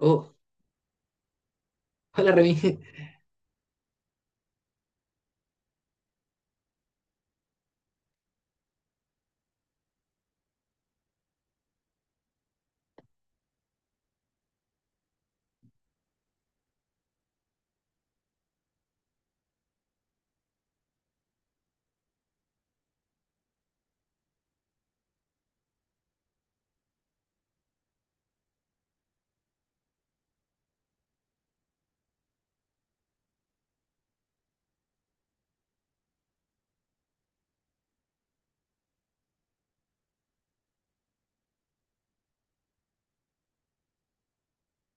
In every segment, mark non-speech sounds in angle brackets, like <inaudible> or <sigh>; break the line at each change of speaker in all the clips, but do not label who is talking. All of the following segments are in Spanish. Oh, hola Remy. <laughs>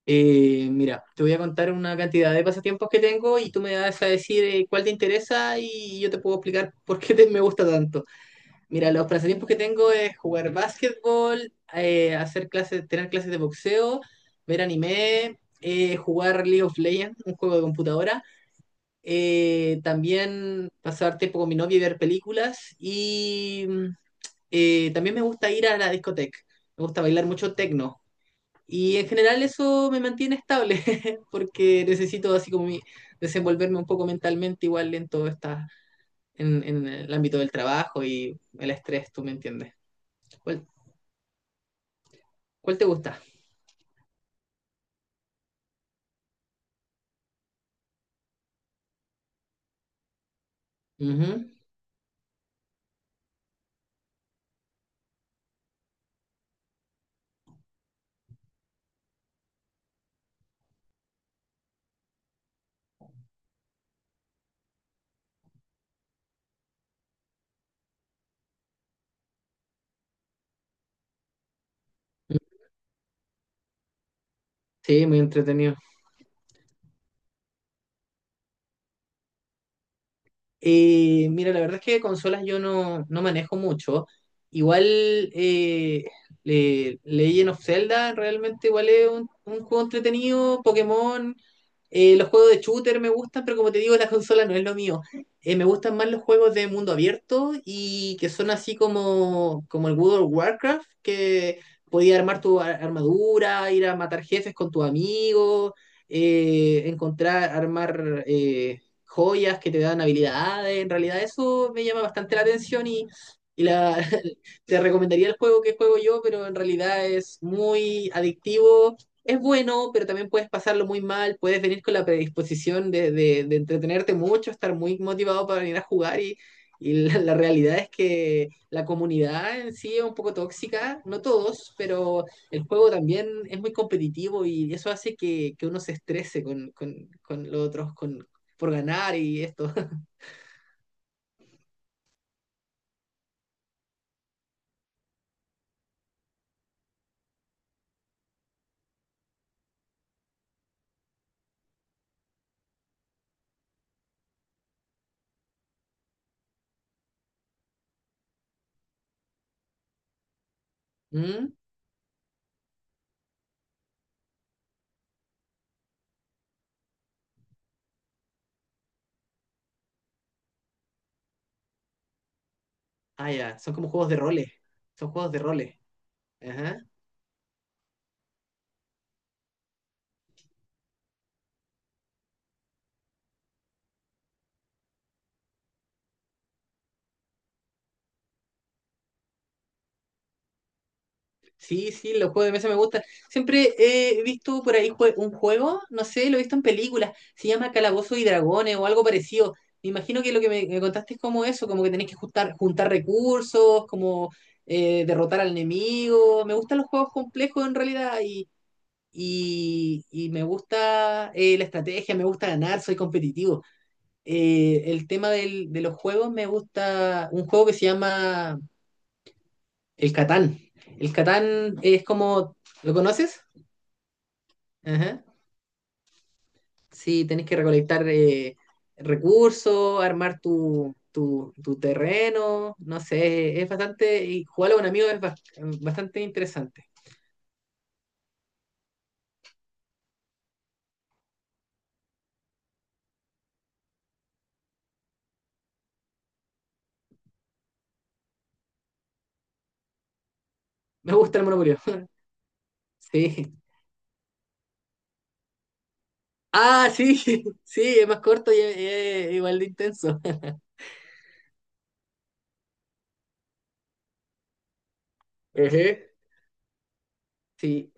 Mira, te voy a contar una cantidad de pasatiempos que tengo y tú me vas a decir cuál te interesa y yo te puedo explicar <laughs> me gusta tanto. Mira, los pasatiempos que tengo es jugar básquetbol, hacer clases, tener clases de boxeo, ver anime, jugar League of Legends, un juego de computadora, también pasar tiempo con mi novia y ver películas y también me gusta ir a la discoteca. Me gusta bailar mucho techno. Y en general eso me mantiene estable, <laughs> porque necesito así desenvolverme un poco mentalmente igual en todo esta, en el ámbito del trabajo y el estrés, tú me entiendes. ¿Cuál, cuál te gusta? Ujú. Sí, muy entretenido. Mira, la verdad es que consolas yo no manejo mucho. Igual eh, Legend of Zelda realmente igual es un juego entretenido. Pokémon, los juegos de shooter me gustan, pero como te digo, la <laughs> consola no es lo mío. Me gustan más los juegos de mundo abierto y que son así como, como el World of Warcraft, que podías armar armadura, ir a matar jefes con tu amigo, encontrar, joyas, que te dan habilidades. En realidad eso me llama bastante la atención y <laughs> te recomendaría el juego que juego yo, pero en realidad es muy adictivo. Es bueno, pero también puedes pasarlo muy mal, puedes venir con la predisposición de entretenerte mucho, estar muy motivado para venir a jugar y <laughs> la realidad es que la comunidad en sí es un poco tóxica, no todos, pero el juego también es muy competitivo y eso hace que uno se estrese con, con los otros, por ganar y esto. <laughs> ¿Mm? Ah, ya, son como juegos de roles. Son juegos de roles. Ajá. Sí, sí, los juegos de mesa me gustan. Siempre he visto por ahí un juego, no sé, lo he visto en películas, se llama Calabozos y Dragones o algo parecido. Me imagino que lo que me contaste es como eso, como que tenés que juntar, juntar recursos, como derrotar al enemigo. Me gustan los juegos complejos en realidad y me gusta la estrategia, me gusta ganar, soy competitivo. El tema de los juegos, me gusta un juego que se llama El Catán. El Catán es como, ¿lo conoces? Ajá. Sí, tenés que recolectar recursos, armar tu terreno, no sé, es bastante, y jugarlo con amigos es bastante interesante. Me gusta el Monopoly, <laughs> sí. Ah, sí, <laughs> sí, es más corto y es igual de intenso. <laughs> Ejé. Sí,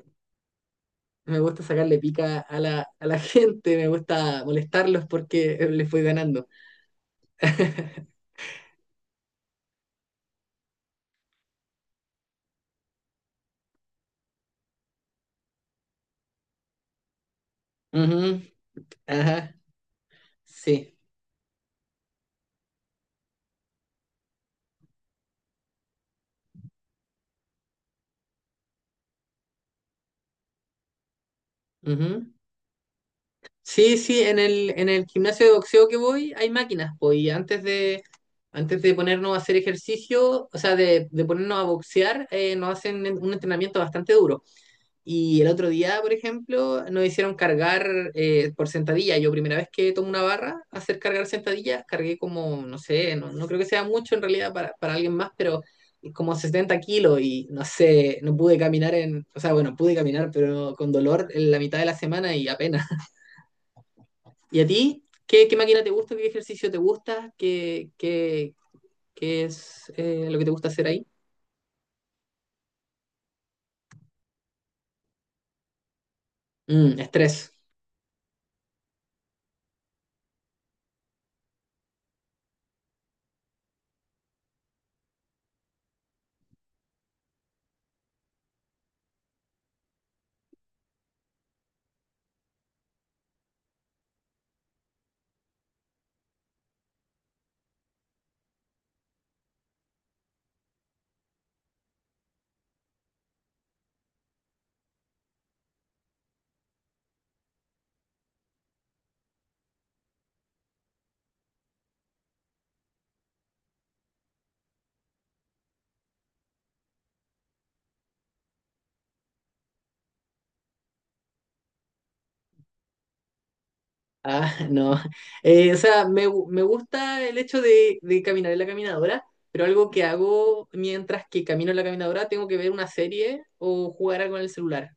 me gusta sacarle pica a la <laughs> gente, me gusta molestarlos porque les voy ganando. <laughs> Ujú. Ajá, sí. Ujú. Sí, sí, en el gimnasio de boxeo que voy hay máquinas, pues, y antes de ponernos a hacer ejercicio, o sea, de ponernos a boxear, nos hacen un entrenamiento bastante duro. Y el otro día, por ejemplo, nos hicieron cargar por sentadilla. Yo primera vez que tomo una barra, hacer cargar sentadilla, cargué como, no sé, no creo que sea mucho en realidad para alguien más, pero como 70 kilos y no sé, no pude caminar en, o sea, bueno, pude caminar, pero con dolor en la mitad de la semana y apenas. <laughs> ¿Y a ti? ¿Qué, qué máquina te gusta? ¿Qué ejercicio te gusta? ¿Qué es lo que te gusta hacer ahí? Mm, estrés. Ah, <laughs> no. O sea, me gusta el hecho de caminar en la caminadora, pero algo que hago mientras que camino en la caminadora, tengo que ver una serie o jugar algo en el celular.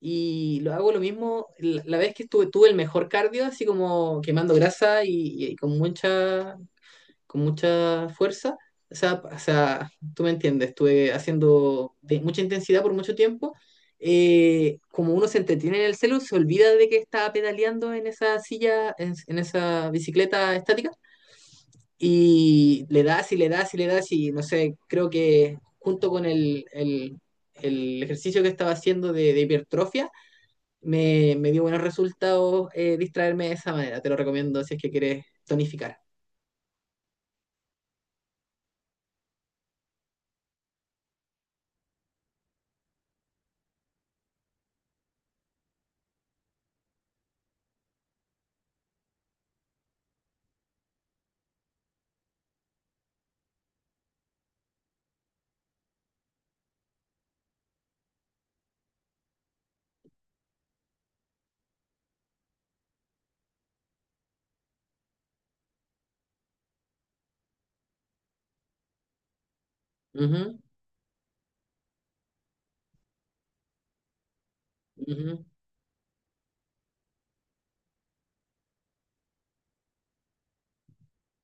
Y lo hago lo mismo, la vez que estuve, tuve el mejor cardio, así como quemando grasa y con mucha fuerza. O sea, tú me entiendes, estuve haciendo de mucha intensidad por mucho tiempo. Como uno se entretiene en el celu, se olvida de que está pedaleando en esa silla, en esa bicicleta estática, y le das y le das y le das y no sé, creo que junto con el ejercicio que estaba haciendo de hipertrofia, me dio buenos resultados distraerme de esa manera. Te lo recomiendo si es que quieres tonificar. Ujú, ujú.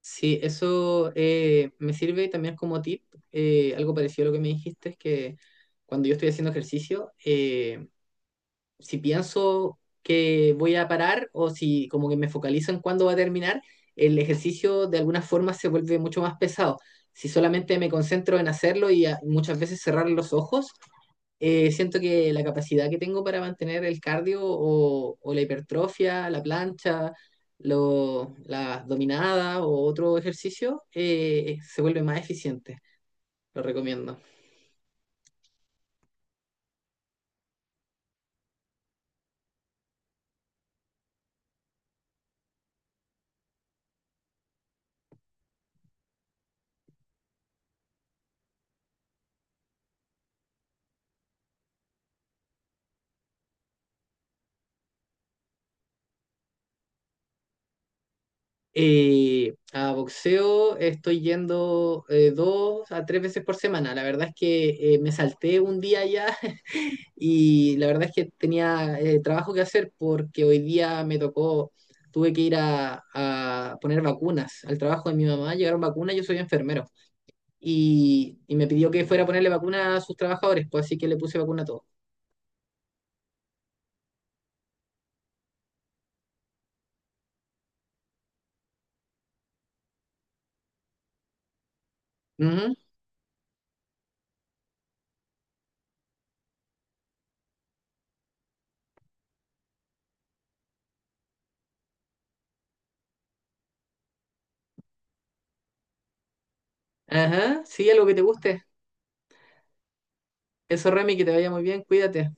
Sí, eso me sirve también como tip, algo parecido a lo que me dijiste, es que cuando yo estoy haciendo ejercicio, si pienso que voy a parar o si como que me focalizo en cuándo va a terminar, el ejercicio de alguna forma se vuelve mucho más pesado. Si solamente me concentro en hacerlo y muchas veces cerrar los ojos, siento que la capacidad que tengo para mantener el cardio o la hipertrofia, la plancha, la dominada o otro ejercicio se vuelve más eficiente. Lo recomiendo. A boxeo estoy yendo 2 a 3 veces por semana. La verdad es que me salté un día ya. Y la verdad es que tenía trabajo que hacer porque hoy día me tocó, tuve que ir a poner vacunas al trabajo de mi mamá, llegaron vacunas, yo soy enfermero. Y me pidió que fuera a ponerle vacunas a sus trabajadores, pues así que le puse vacuna a todos. Ujú. Ajá, sí, algo que te guste. Eso, Remy, que te vaya muy bien, cuídate.